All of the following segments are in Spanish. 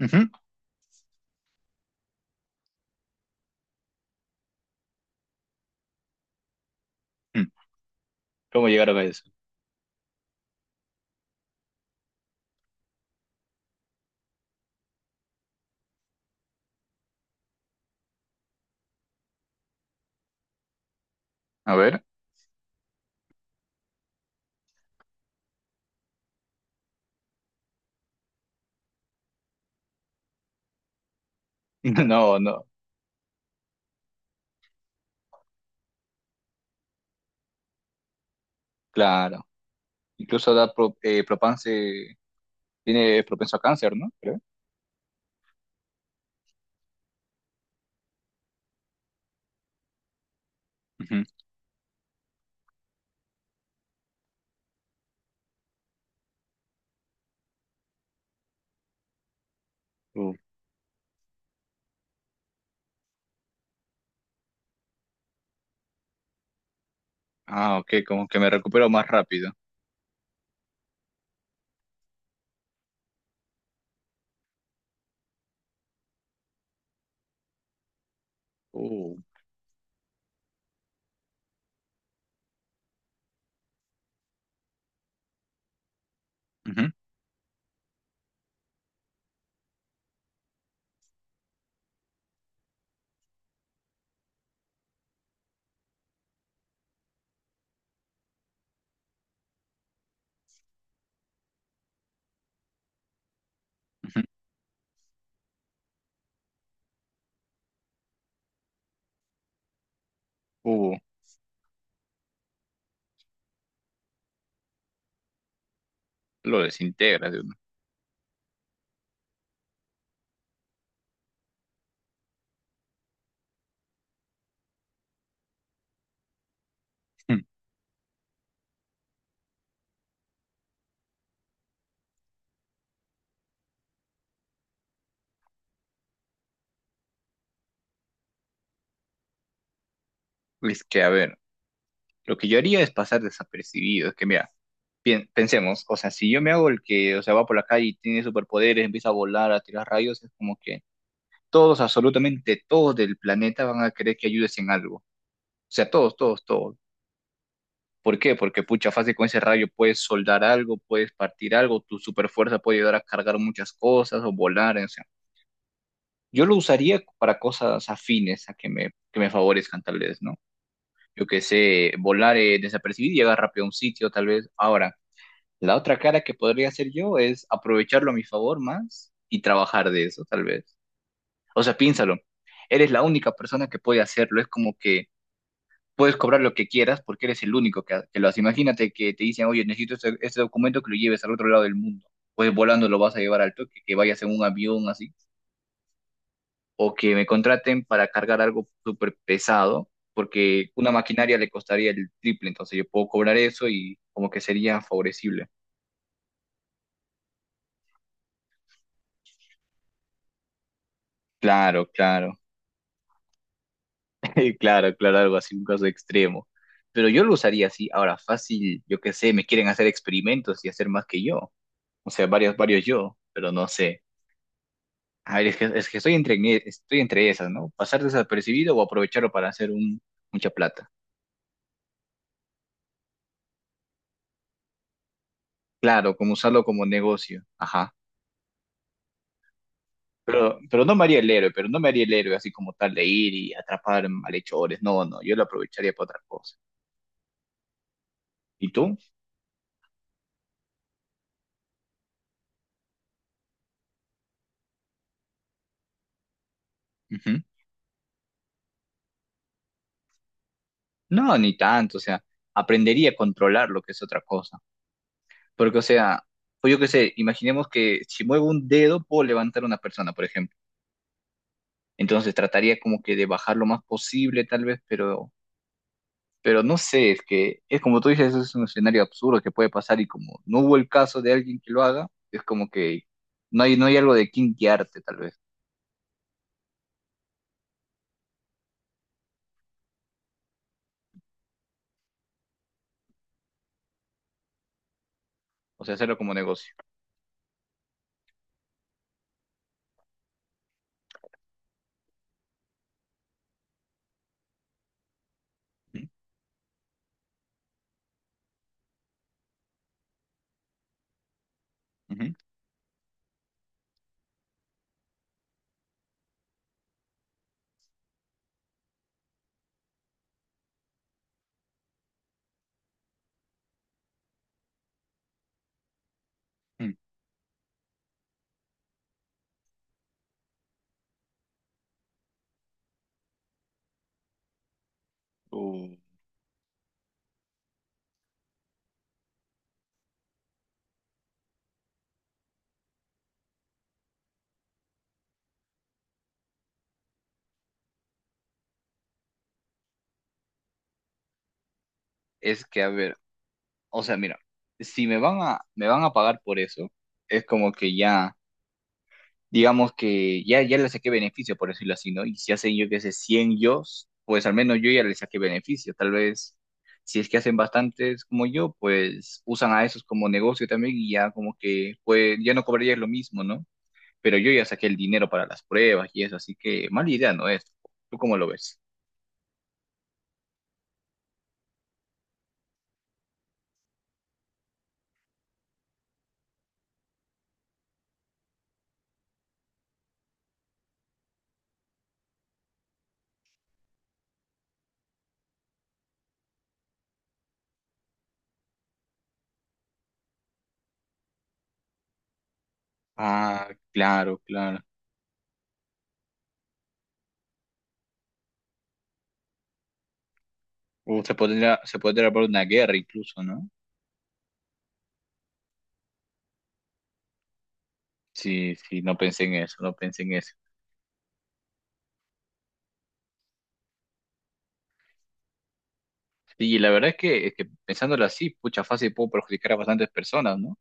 Ujú. Mm. ¿Cómo llegaron a eso? A ver. No, no, claro. Incluso da propense- tiene propenso a cáncer, ¿no? Creo. Ujú. Uh. Ah, ok, como que me recupero más rápido. Uh. Ujú. Ujú. Uh, lo desintegra de uno. Mm. Es que, a ver, lo que yo haría es pasar desapercibido. Es que, mira, pensemos, o sea, si yo me hago el que, o sea, va por la calle y tiene superpoderes, empieza a volar, a tirar rayos, es como que todos, absolutamente todos del planeta van a querer que ayudes en algo. O sea, todos, todos, todos. ¿Por qué? Porque pucha, fácil con ese rayo puedes soldar algo, puedes partir algo, tu super fuerza puede ayudar a cargar muchas cosas o volar, o sea. Yo lo usaría para cosas afines a que me favorezcan, tal vez, ¿no? Yo que sé, volar desapercibido y llegar rápido a un sitio, tal vez. Ahora, la otra cara que podría hacer yo es aprovecharlo a mi favor más y trabajar de eso, tal vez. O sea, piénsalo. Eres la única persona que puede hacerlo. Es como que puedes cobrar lo que quieras porque eres el único que lo hace. Imagínate que te dicen, oye, necesito este documento que lo lleves al otro lado del mundo. Pues volando lo vas a llevar al toque, que vayas en un avión así, o que me contraten para cargar algo súper pesado, porque una maquinaria le costaría el triple, entonces yo puedo cobrar eso y como que sería favorecible. Claro, claro, claro, claro, algo así, un caso extremo. Pero yo lo usaría así, ahora fácil, yo qué sé, me quieren hacer experimentos y hacer más que yo, o sea, varios, varios yo, pero no sé. A ver, es que estoy entre esas, ¿no? Pasar desapercibido o aprovecharlo para hacer un, mucha plata. Claro, como usarlo como negocio. Ajá. Pero no me haría el héroe, pero no me haría el héroe así como tal de ir y atrapar malhechores. No, no, yo lo aprovecharía para otra cosa. ¿Y tú? Ujú. No, ni tanto. O sea, aprendería a controlar lo que es otra cosa. Porque, o sea, pues yo qué sé, imaginemos que si muevo un dedo puedo levantar a una persona, por ejemplo. Entonces trataría como que de bajar lo más posible, tal vez, pero no sé, es que es como tú dices, eso es un escenario absurdo que puede pasar y como no hubo el caso de alguien que lo haga, es como que no hay, no hay algo de quién guiarte tal vez, o sea, hacerlo como negocio. Ujú. Mm. O es que, a ver, o sea, mira, si me van a, me van a pagar por eso, es como que ya... digamos que ya, ya le saqué beneficio, por decirlo así, ¿no? Y si hacen, yo que sé, 100 yo, pues al menos yo ya le saqué beneficio. Tal vez, si es que hacen bastantes como yo, pues usan a esos como negocio también y ya como que, pues ya no cobrarías lo mismo, ¿no? Pero yo ya saqué el dinero para las pruebas y eso, así que mala idea no es. ¿Tú cómo lo ves? Ah, claro, claro. Se podría haber una guerra incluso, ¿no? Sí, sí, no pensé en eso, no pensé en eso. Y la verdad es que pensándolo así, pucha, fácil puedo perjudicar a bastantes personas, ¿no?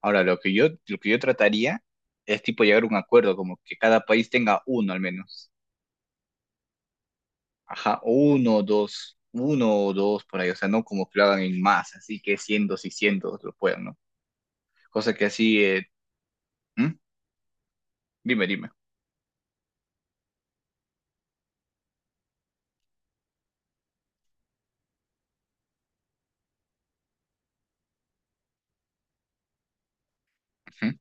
Ahora, lo que yo trataría es tipo llegar a un acuerdo, como que cada país tenga uno al menos. Ajá, o uno o dos por ahí, o sea, no como que lo hagan en más, así que cientos y cientos lo puedan, ¿no? Cosa que así, ¿hmm? Dime, dime. Ujú,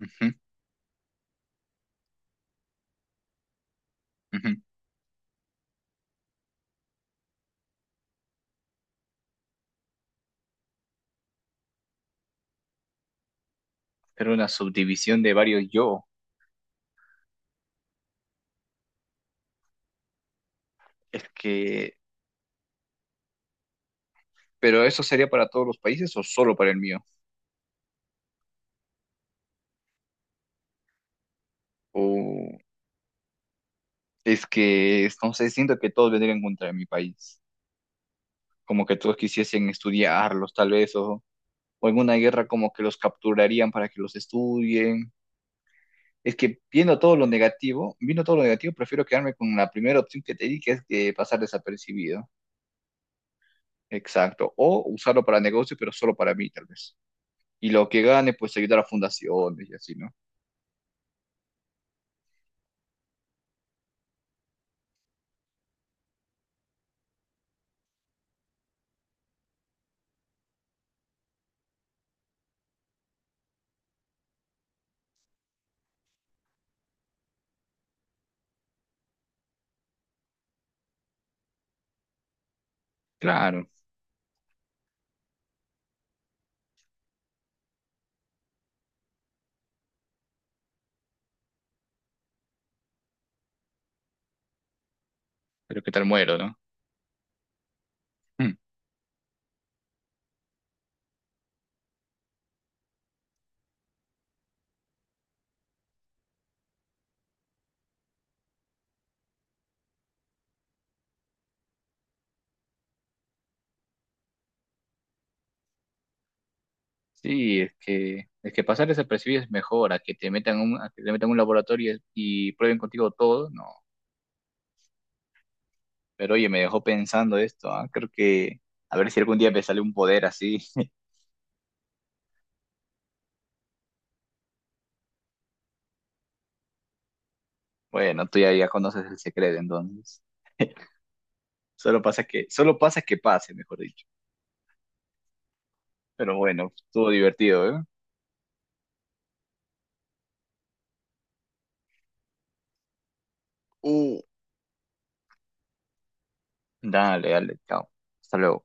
ujú, ujú. Pero una subdivisión de varios yo, es que, pero eso sería para todos los países o solo para el mío. Es que, no sé, siento que todos vendrían contra mi país, como que todos quisiesen estudiarlos tal vez, o en una guerra como que los capturarían para que los estudien. Es que viendo todo lo negativo, viendo todo lo negativo, prefiero quedarme con la primera opción que te di, que es de pasar desapercibido. Exacto. O usarlo para negocio, pero solo para mí, tal vez. Y lo que gane, pues ayudar a fundaciones y así, ¿no? Claro, pero qué tal muero, ¿no? Hmm. Sí, es que pasar desapercibido es mejor, a que te metan un, a que te metan un laboratorio y prueben contigo todo, no. Pero oye, me dejó pensando esto, ah, creo que a ver si algún día me sale un poder así. Bueno, tú ya, ya conoces el secreto, entonces. Solo pasa que pase, mejor dicho. Pero bueno, estuvo divertido, ¿eh? Uh. Dale, dale, chao. Hasta luego.